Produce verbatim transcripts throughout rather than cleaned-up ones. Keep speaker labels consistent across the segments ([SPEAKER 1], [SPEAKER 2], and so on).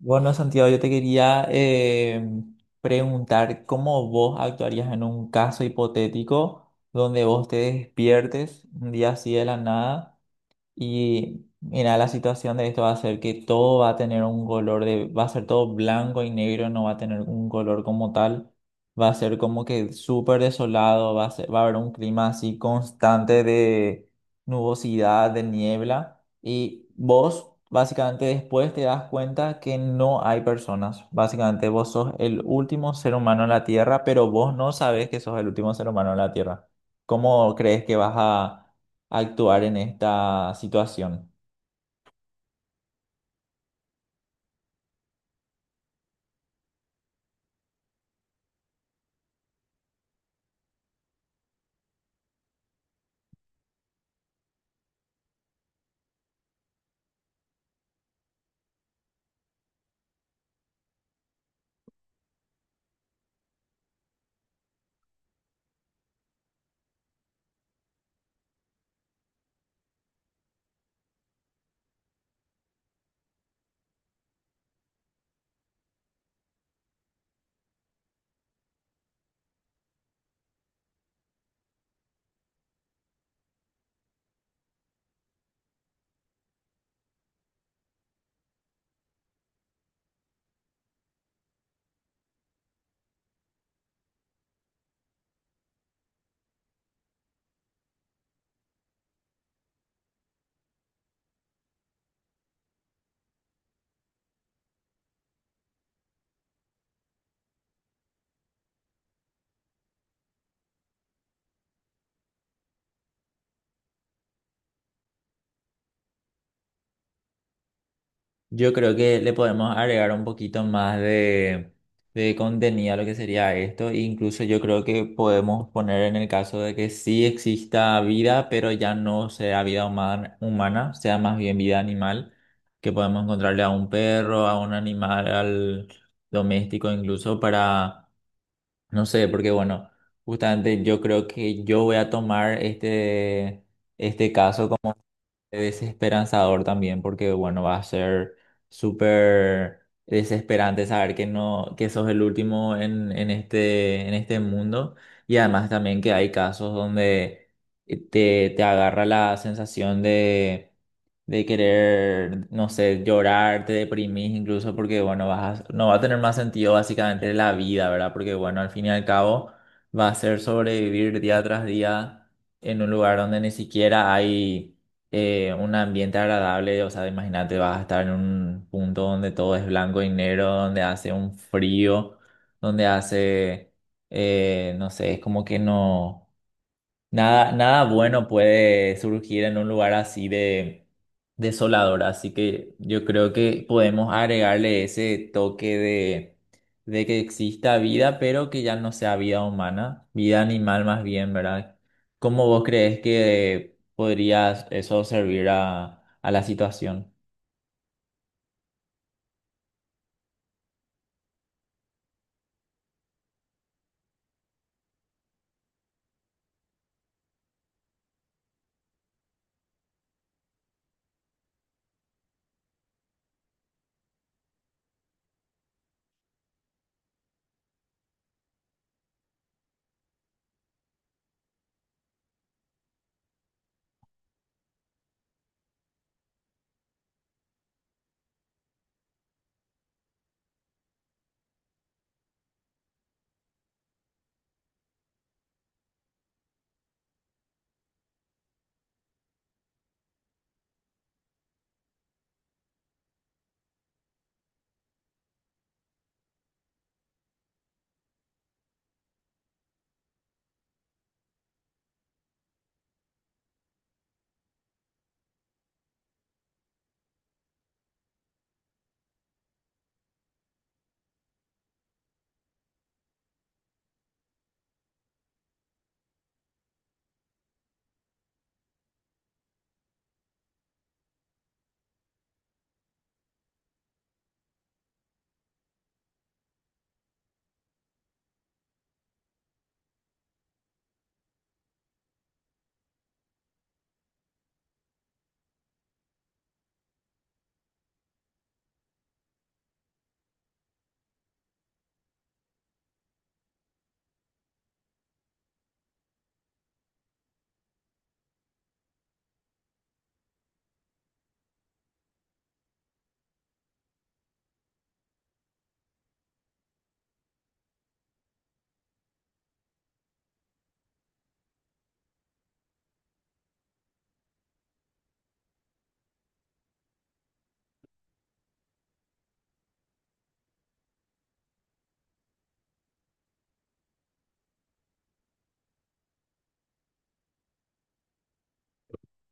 [SPEAKER 1] Bueno, Santiago, yo te quería eh, preguntar cómo vos actuarías en un caso hipotético donde vos te despiertes un día así de la nada. Y mira, la situación de esto va a ser que todo va a tener un color de, va a ser todo blanco y negro, no va a tener un color como tal. Va a ser como que súper desolado, va a ser- va a haber un clima así constante de nubosidad, de niebla. Y vos, básicamente, después te das cuenta que no hay personas. Básicamente, vos sos el último ser humano en la Tierra, pero vos no sabes que sos el último ser humano en la Tierra. ¿Cómo crees que vas a actuar en esta situación? Yo creo que le podemos agregar un poquito más de, de contenido a lo que sería esto. e Incluso yo creo que podemos poner en el caso de que sí exista vida, pero ya no sea vida humana, humana, sea más bien vida animal, que podemos encontrarle a un perro, a un animal, al doméstico incluso para, no sé, porque bueno, justamente yo creo que yo voy a tomar este, este caso desesperanzador también porque, bueno, va a ser súper desesperante saber que no, que sos el último en, en este, en este mundo y además también que hay casos donde eh, te, te agarra la sensación de, de querer, no sé, llorar, te deprimís incluso porque, bueno, vas a- no va a tener más sentido básicamente la vida, ¿verdad? Porque, bueno, al fin y al cabo va a ser sobrevivir día tras día en un lugar donde ni siquiera hay eh, un ambiente agradable, o sea, imagínate, vas a estar en un punto donde todo es blanco y negro, donde hace un frío, donde hace, eh, no sé, es como que no. Nada, nada bueno puede surgir en un lugar así de desolador, así que yo creo que podemos agregarle ese toque de, de que exista vida, pero que ya no sea vida humana, vida animal más bien, ¿verdad? ¿Cómo vos crees que podría eso servir a, a la situación?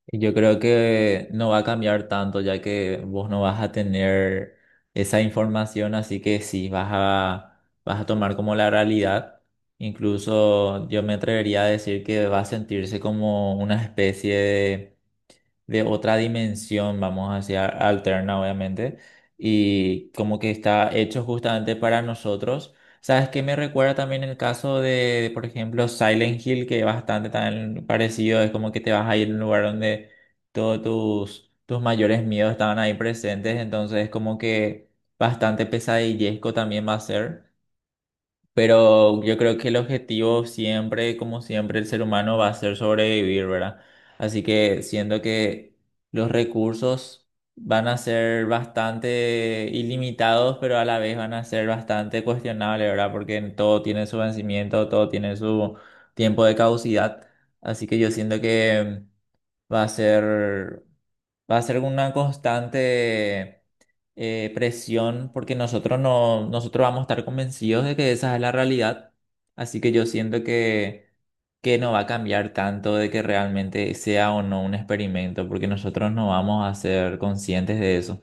[SPEAKER 1] Y Yo creo que no va a cambiar tanto, ya que vos no vas a tener esa información, así que sí, vas a, vas a tomar como la realidad. Incluso yo me atrevería a decir que va a sentirse como una especie de de otra dimensión, vamos a decir, alterna, obviamente, y como que está hecho justamente para nosotros. ¿Sabes qué me recuerda también el caso de, de, por ejemplo, Silent Hill, que es bastante tan parecido? Es como que te vas a ir a un lugar donde todos tus, tus mayores miedos estaban ahí presentes, entonces es como que bastante pesadillesco también va a ser. Pero yo creo que el objetivo siempre, como siempre, el ser humano va a ser sobrevivir, ¿verdad? Así que siendo que los recursos van a ser bastante ilimitados, pero a la vez van a ser bastante cuestionables, ¿verdad? Porque todo tiene su vencimiento, todo tiene su tiempo de caducidad. Así que yo siento que va a ser, va a ser una constante eh, presión porque nosotros no, nosotros vamos a estar convencidos de que esa es la realidad. Así que yo siento que, que no va a cambiar tanto de que realmente sea o no un experimento, porque nosotros no vamos a ser conscientes de eso.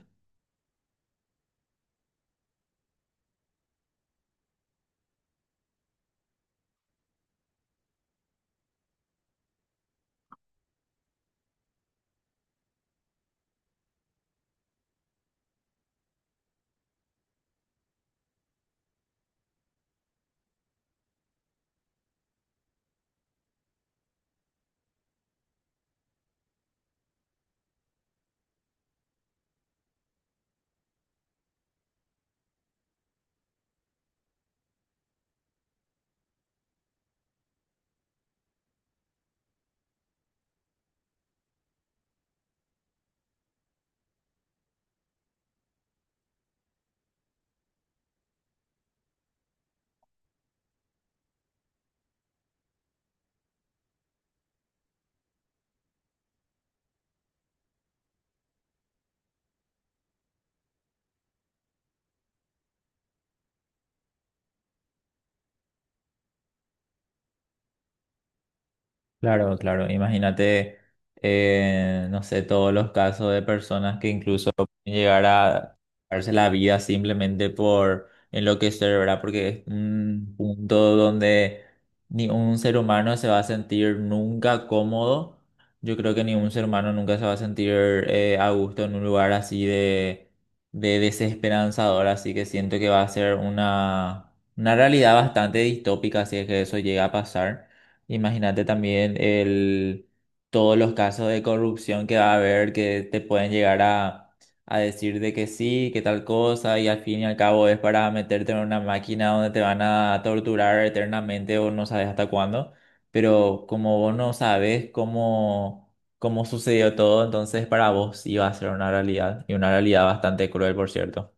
[SPEAKER 1] Claro, claro. Imagínate, eh, no sé, todos los casos de personas que incluso pueden llegar a darse la vida simplemente por enloquecer, ¿verdad? Porque es un punto donde ni un ser humano se va a sentir nunca cómodo. Yo creo que ningún ser humano nunca se va a sentir eh, a gusto en un lugar así de, de desesperanzador. Así que siento que va a ser una, una realidad bastante distópica si es que eso llega a pasar. Imagínate también el, todos los casos de corrupción que va a haber que te pueden llegar a, a decir de que sí, que tal cosa, y al fin y al cabo es para meterte en una máquina donde te van a torturar eternamente o no sabes hasta cuándo. Pero como vos no sabes cómo, cómo sucedió todo, entonces para vos iba a ser una realidad, y una realidad bastante cruel, por cierto.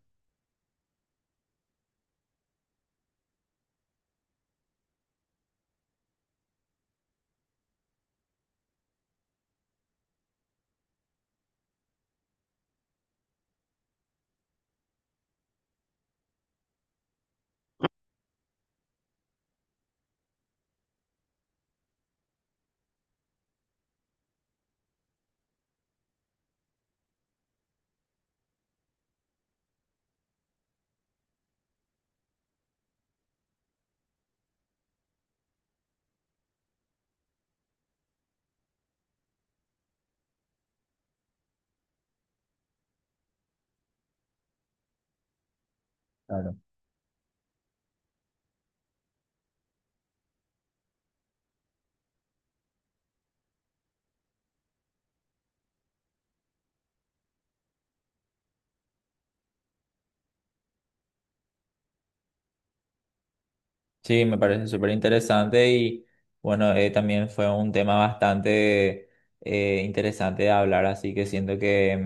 [SPEAKER 1] Sí, me parece súper interesante y bueno, eh, también fue un tema bastante eh, interesante de hablar, así que siento que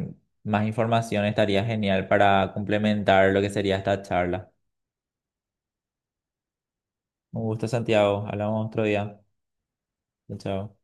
[SPEAKER 1] mm, más información estaría genial para complementar lo que sería esta charla. Un gusto, Santiago. Hablamos otro día. Chao, chao.